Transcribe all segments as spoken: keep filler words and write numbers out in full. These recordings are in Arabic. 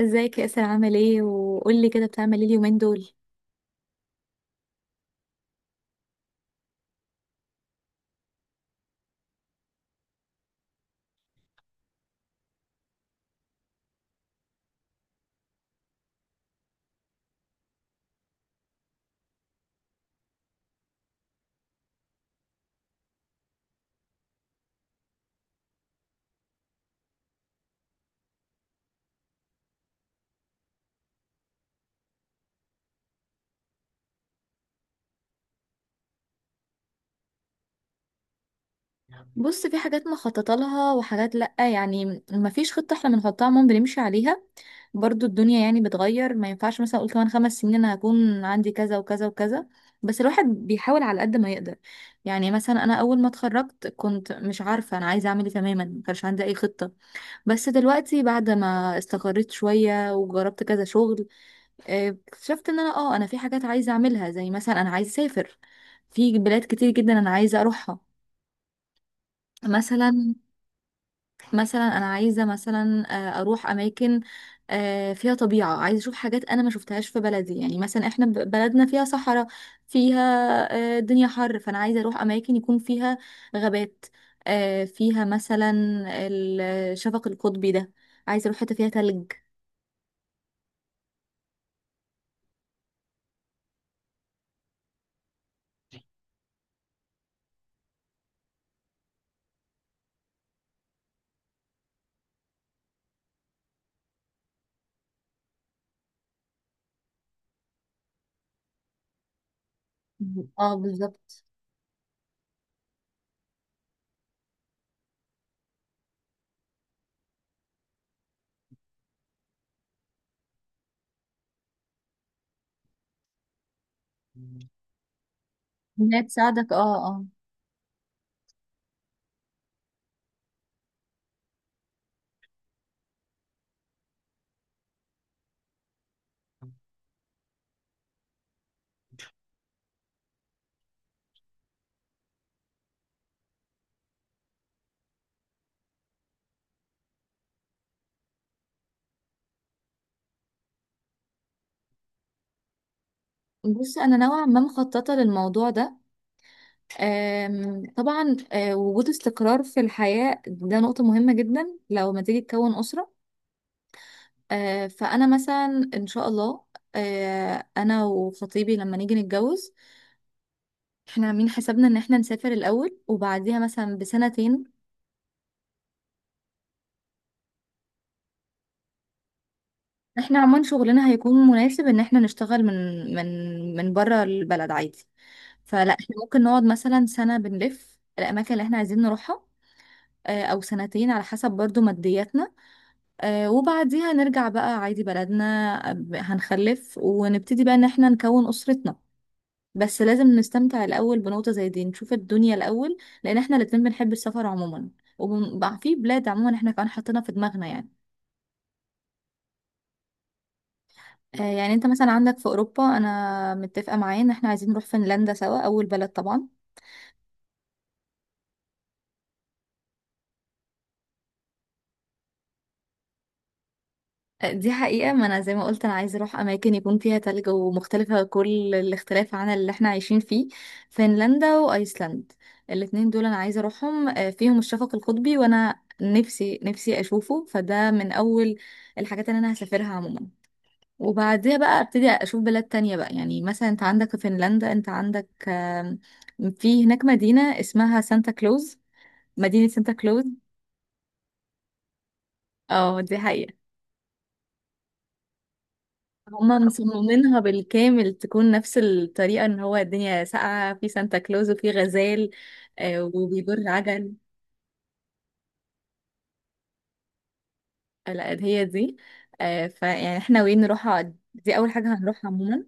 ازيك يا اسر، عامل ايه؟ وقولي كده، بتعمل ايه اليومين دول؟ بص، في حاجات مخططه لها وحاجات لا، يعني ما فيش خطه احنا بنحطها عموما بنمشي عليها. برضو الدنيا يعني بتغير، ما ينفعش مثلا اقول كمان خمس سنين انا هكون عندي كذا وكذا وكذا. بس الواحد بيحاول على قد ما يقدر. يعني مثلا انا اول ما اتخرجت كنت مش عارفه انا عايزه اعمل ايه تماما، ما كانش عندي اي خطه. بس دلوقتي بعد ما استقريت شويه وجربت كذا شغل، آه، اكتشفت ان انا اه انا في حاجات عايزه اعملها، زي مثلا انا عايزه اسافر. في بلاد كتير جدا انا عايزه اروحها، مثلا. مثلا انا عايزه مثلا آه، اروح اماكن، آه، فيها طبيعه. عايزه اشوف حاجات انا ما شفتهاش في بلدي، يعني مثلا احنا ب- بلدنا فيها صحراء، فيها آه، الدنيا حر. فانا عايزه اروح اماكن يكون فيها غابات، آه، فيها مثلا الشفق القطبي ده. عايزه اروح حته فيها تلج. اه، بالظبط. انها تساعدك، اه اه. بص، انا نوعا ما مخططه للموضوع ده. أم، طبعا أه، وجود استقرار في الحياه ده نقطه مهمه جدا لو ما تيجي تكون اسره. أه، فانا مثلا ان شاء الله، أه، انا وخطيبي لما نيجي نتجوز، احنا عاملين حسابنا ان احنا نسافر الاول وبعديها مثلا بسنتين. احنا عموما شغلنا هيكون مناسب ان احنا نشتغل من من من بره البلد عادي. فلا احنا ممكن نقعد مثلا سنه بنلف الاماكن اللي احنا عايزين نروحها، أه، او سنتين، على حسب برضو مادياتنا. آه، وبعديها نرجع بقى عادي بلدنا، آه، هنخلف ونبتدي بقى ان احنا نكون اسرتنا. بس لازم نستمتع الاول بنقطة زي دي، نشوف الدنيا الاول، لان احنا الاتنين بنحب السفر عموما. وبقى في بلاد عموما احنا كمان حاطينها في دماغنا يعني. آه، يعني انت مثلا عندك في اوروبا، انا متفقة معايا ان احنا عايزين نروح فنلندا سوا اول بلد طبعا. دي حقيقة، ما أنا زي ما قلت أنا عايزة أروح أماكن يكون فيها تلج ومختلفة كل الاختلاف عن اللي احنا عايشين فيه. فنلندا وأيسلند، الاتنين دول أنا عايزة أروحهم، آه، فيهم الشفق القطبي، وأنا نفسي نفسي أشوفه. فده من أول الحاجات اللي أنا هسافرها عموما. وبعدها بقى أبتدي أشوف بلاد تانية بقى، يعني مثلا أنت عندك في فنلندا، أنت عندك آم، في هناك مدينة اسمها سانتا كلوز، مدينة سانتا كلوز. اه، دي حقيقة. هما مصممينها بالكامل تكون نفس الطريقة، ان هو الدنيا ساقعة في سانتا كلوز، وفي غزال آه، وبيجر عجل. آه، لا، هي دي. آه، فيعني احنا وين نروحها، دي اول حاجة هنروحها عموما.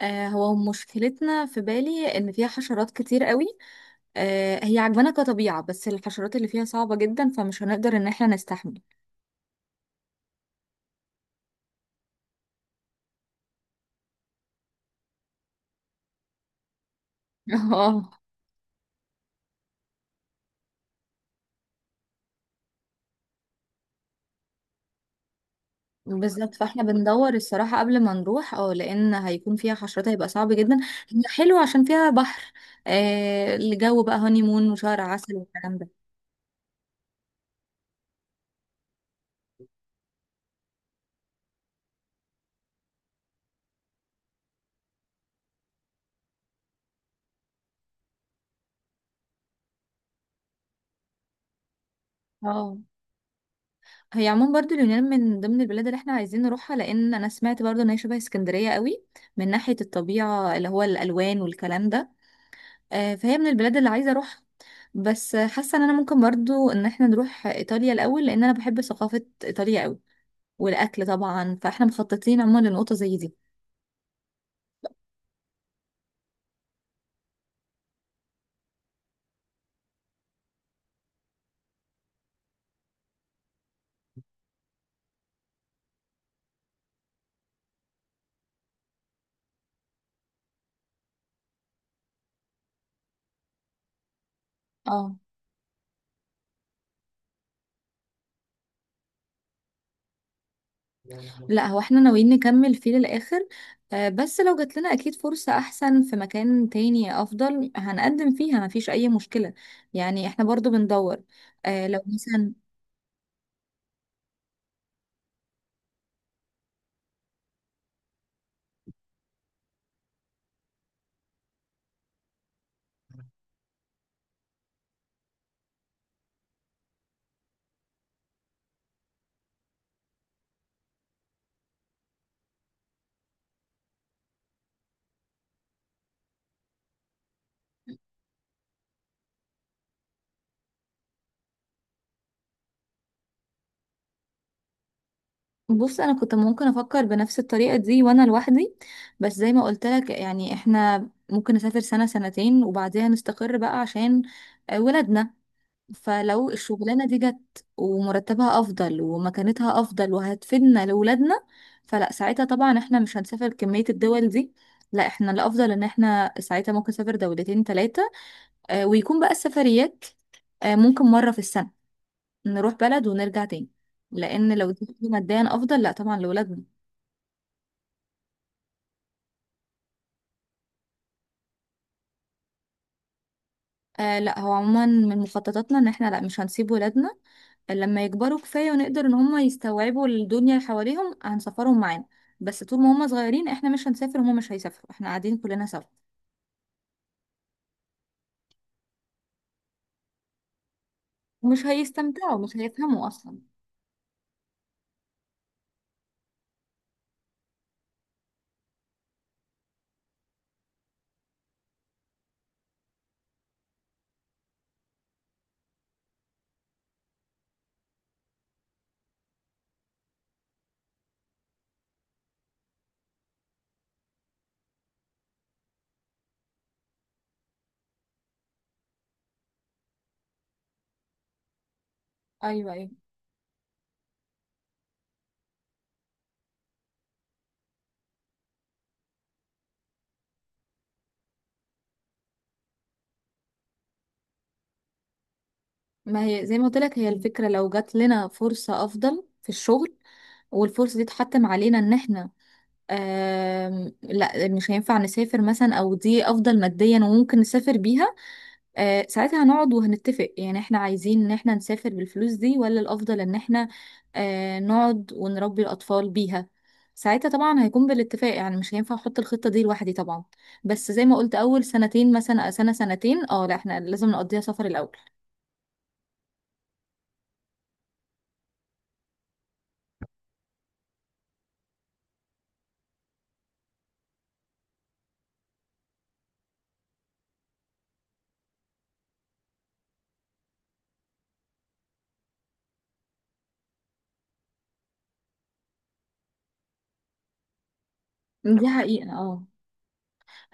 آه، هو مشكلتنا في بالي ان فيها حشرات كتير قوي، آه، هي عجبانا كطبيعة، بس الحشرات اللي فيها صعبة جدا، فمش هنقدر ان احنا نستحمل. اه. بالظبط، فاحنا بندور الصراحة قبل ما نروح اه لأن هيكون فيها حشرات هيبقى صعب جدا. هي حلوة عشان فيها بحر، آه الجو بقى هوني مون وشهر عسل والكلام ده. اه، هي عموما برضو اليونان من ضمن البلاد اللي احنا عايزين نروحها، لأن أنا سمعت برضو إن هي شبه اسكندرية قوي من ناحية الطبيعة، اللي هو الألوان والكلام ده. آه فهي من البلاد اللي عايزة أروحها. بس حاسة إن أنا ممكن برضو إن احنا نروح إيطاليا الأول، لأن أنا بحب ثقافة إيطاليا قوي والأكل طبعا. فاحنا مخططين عموما لنقطة زي دي. اه، لا هو احنا ناويين نكمل فيه للآخر، آه، بس لو جات لنا أكيد فرصة أحسن في مكان تاني أفضل، هنقدم فيها، مفيش أي مشكلة. يعني احنا برضو بندور آه، لو مثلا. بص، أنا كنت ممكن أفكر بنفس الطريقة دي وأنا لوحدي، بس زي ما قلت لك يعني احنا ممكن نسافر سنة سنتين، وبعدها نستقر بقى عشان آه، ولادنا. فلو الشغلانة دي جت ومرتبها أفضل ومكانتها أفضل وهتفيدنا لولادنا، فلا ساعتها طبعا احنا مش هنسافر كمية الدول دي. لا، احنا الأفضل ان احنا ساعتها ممكن نسافر دولتين تلاتة، آه، ويكون بقى السفريات آه، ممكن مرة في السنة، نروح بلد ونرجع تاني، لأن لو دي ماديا أفضل، لا طبعا لولادنا. آه لا، هو عموما من مخططاتنا ان احنا لا مش هنسيب ولادنا. لما يكبروا كفاية ونقدر ان هم يستوعبوا الدنيا اللي حواليهم، هنسافرهم معانا. بس طول ما هم صغيرين احنا مش هنسافر، هم مش هيسافروا، احنا قاعدين كلنا سوا، مش هيستمتعوا، مش هيفهموا اصلا. ايوه، ايوه. ما هي زي ما قلت لك، هي الفكرة لو جات لنا فرصة افضل في الشغل، والفرصة دي اتحتم علينا ان احنا آم، لا مش هينفع نسافر مثلا، او دي افضل ماديا وممكن نسافر بيها، آه، ساعتها هنقعد وهنتفق، يعني احنا عايزين ان احنا نسافر بالفلوس دي ولا الافضل ان احنا آه، نقعد ونربي الاطفال بيها. ساعتها طبعا هيكون بالاتفاق، يعني مش هينفع احط الخطة دي لوحدي طبعا. بس زي ما قلت اول سنتين، مثلا سنة سنتين، اه لا احنا لازم نقضيها سفر الاول. دي حقيقة، اه.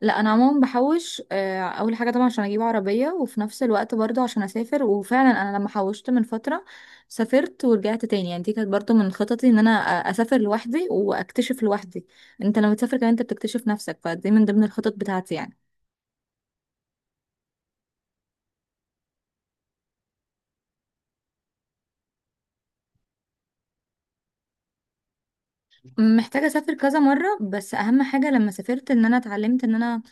لا، انا عموما بحوش، آه، اول حاجه طبعا عشان اجيب عربيه، وفي نفس الوقت برضه عشان اسافر. وفعلا انا لما حوشت من فتره سافرت ورجعت تاني، يعني دي كانت برضه من خططي ان انا أ- اسافر لوحدي واكتشف لوحدي. انت لما تسافر كمان انت بتكتشف نفسك، فدي من ضمن الخطط بتاعتي يعني. محتاجه اسافر كذا مره، بس اهم حاجه لما سافرت ان انا اتعلمت ان انا،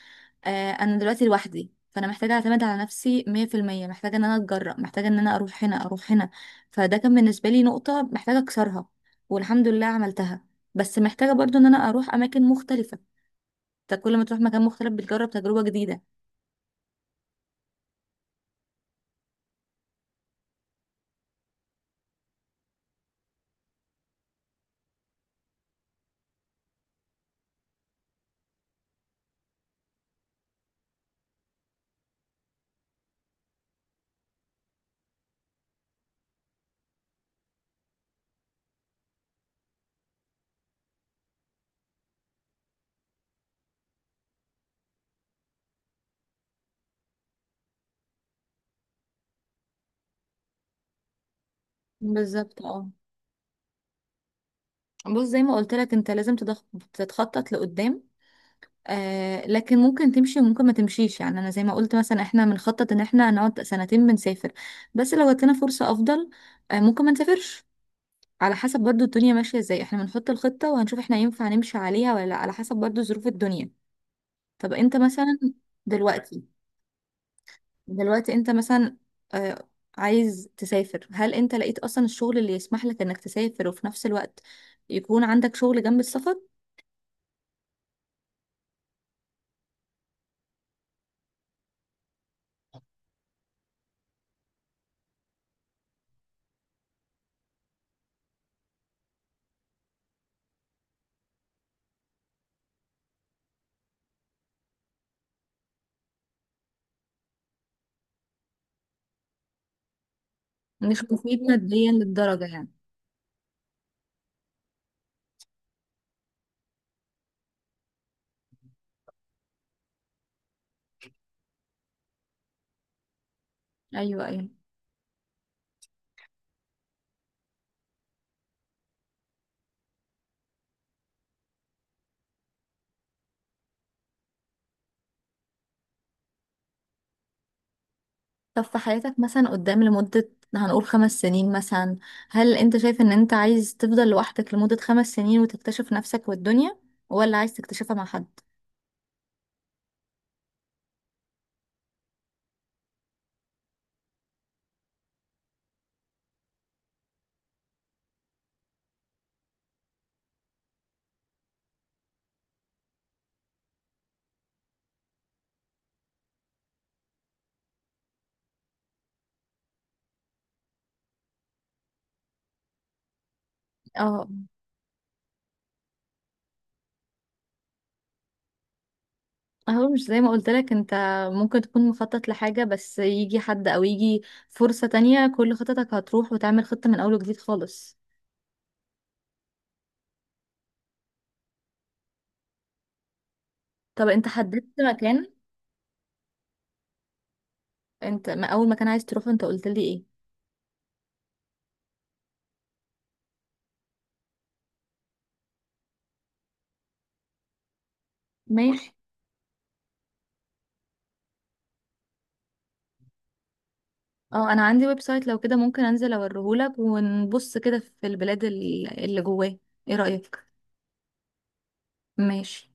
آه انا دلوقتي لوحدي، فانا محتاجه اعتمد على نفسي مية في المية. محتاجه ان انا اتجرأ، محتاجه ان انا اروح هنا اروح هنا، فده كان بالنسبه لي نقطه محتاجه اكسرها، والحمد لله عملتها. بس محتاجه برضو ان انا اروح اماكن مختلفه. انت كل ما تروح مكان مختلف بتجرب تجربه جديده. بالظبط، اه. بص زي ما قلت لك، انت لازم تضخ... تتخطط لقدام. آه لكن ممكن تمشي وممكن ما تمشيش، يعني انا زي ما قلت مثلا احنا بنخطط ان احنا نقعد سنتين بنسافر، بس لو جات لنا فرصه افضل آه ممكن ما نسافرش، على حسب برضو الدنيا ماشية ازاي. احنا بنحط الخطة وهنشوف احنا ينفع نمشي عليها ولا لا، على حسب برضو ظروف الدنيا. طب انت مثلا دلوقتي، دلوقتي انت مثلا آه عايز تسافر، هل انت لقيت اصلا الشغل اللي يسمح لك انك تسافر وفي نفس الوقت يكون عندك شغل جنب السفر؟ مش مفيد ماديا للدرجة يعني. ايوه، ايوه. طب في حياتك مثلا قدام لمدة، هنقول خمس سنين مثلا، هل انت شايف ان انت عايز تفضل لوحدك لمدة خمس سنين وتكتشف نفسك والدنيا، ولا عايز تكتشفها مع حد؟ اه. اهو مش زي ما قلت لك انت، ممكن تكون مخطط لحاجة بس يجي حد او يجي فرصة تانية، كل خططك هتروح وتعمل خطة من اول وجديد خالص. طب انت حددت مكان، انت ما اول مكان عايز تروحه انت قلت لي ايه؟ ماشي. اه، انا عندي ويب سايت، لو كده ممكن انزل اوريهولك ونبص كده في البلاد ال- اللي جواه. ايه رأيك؟ ماشي.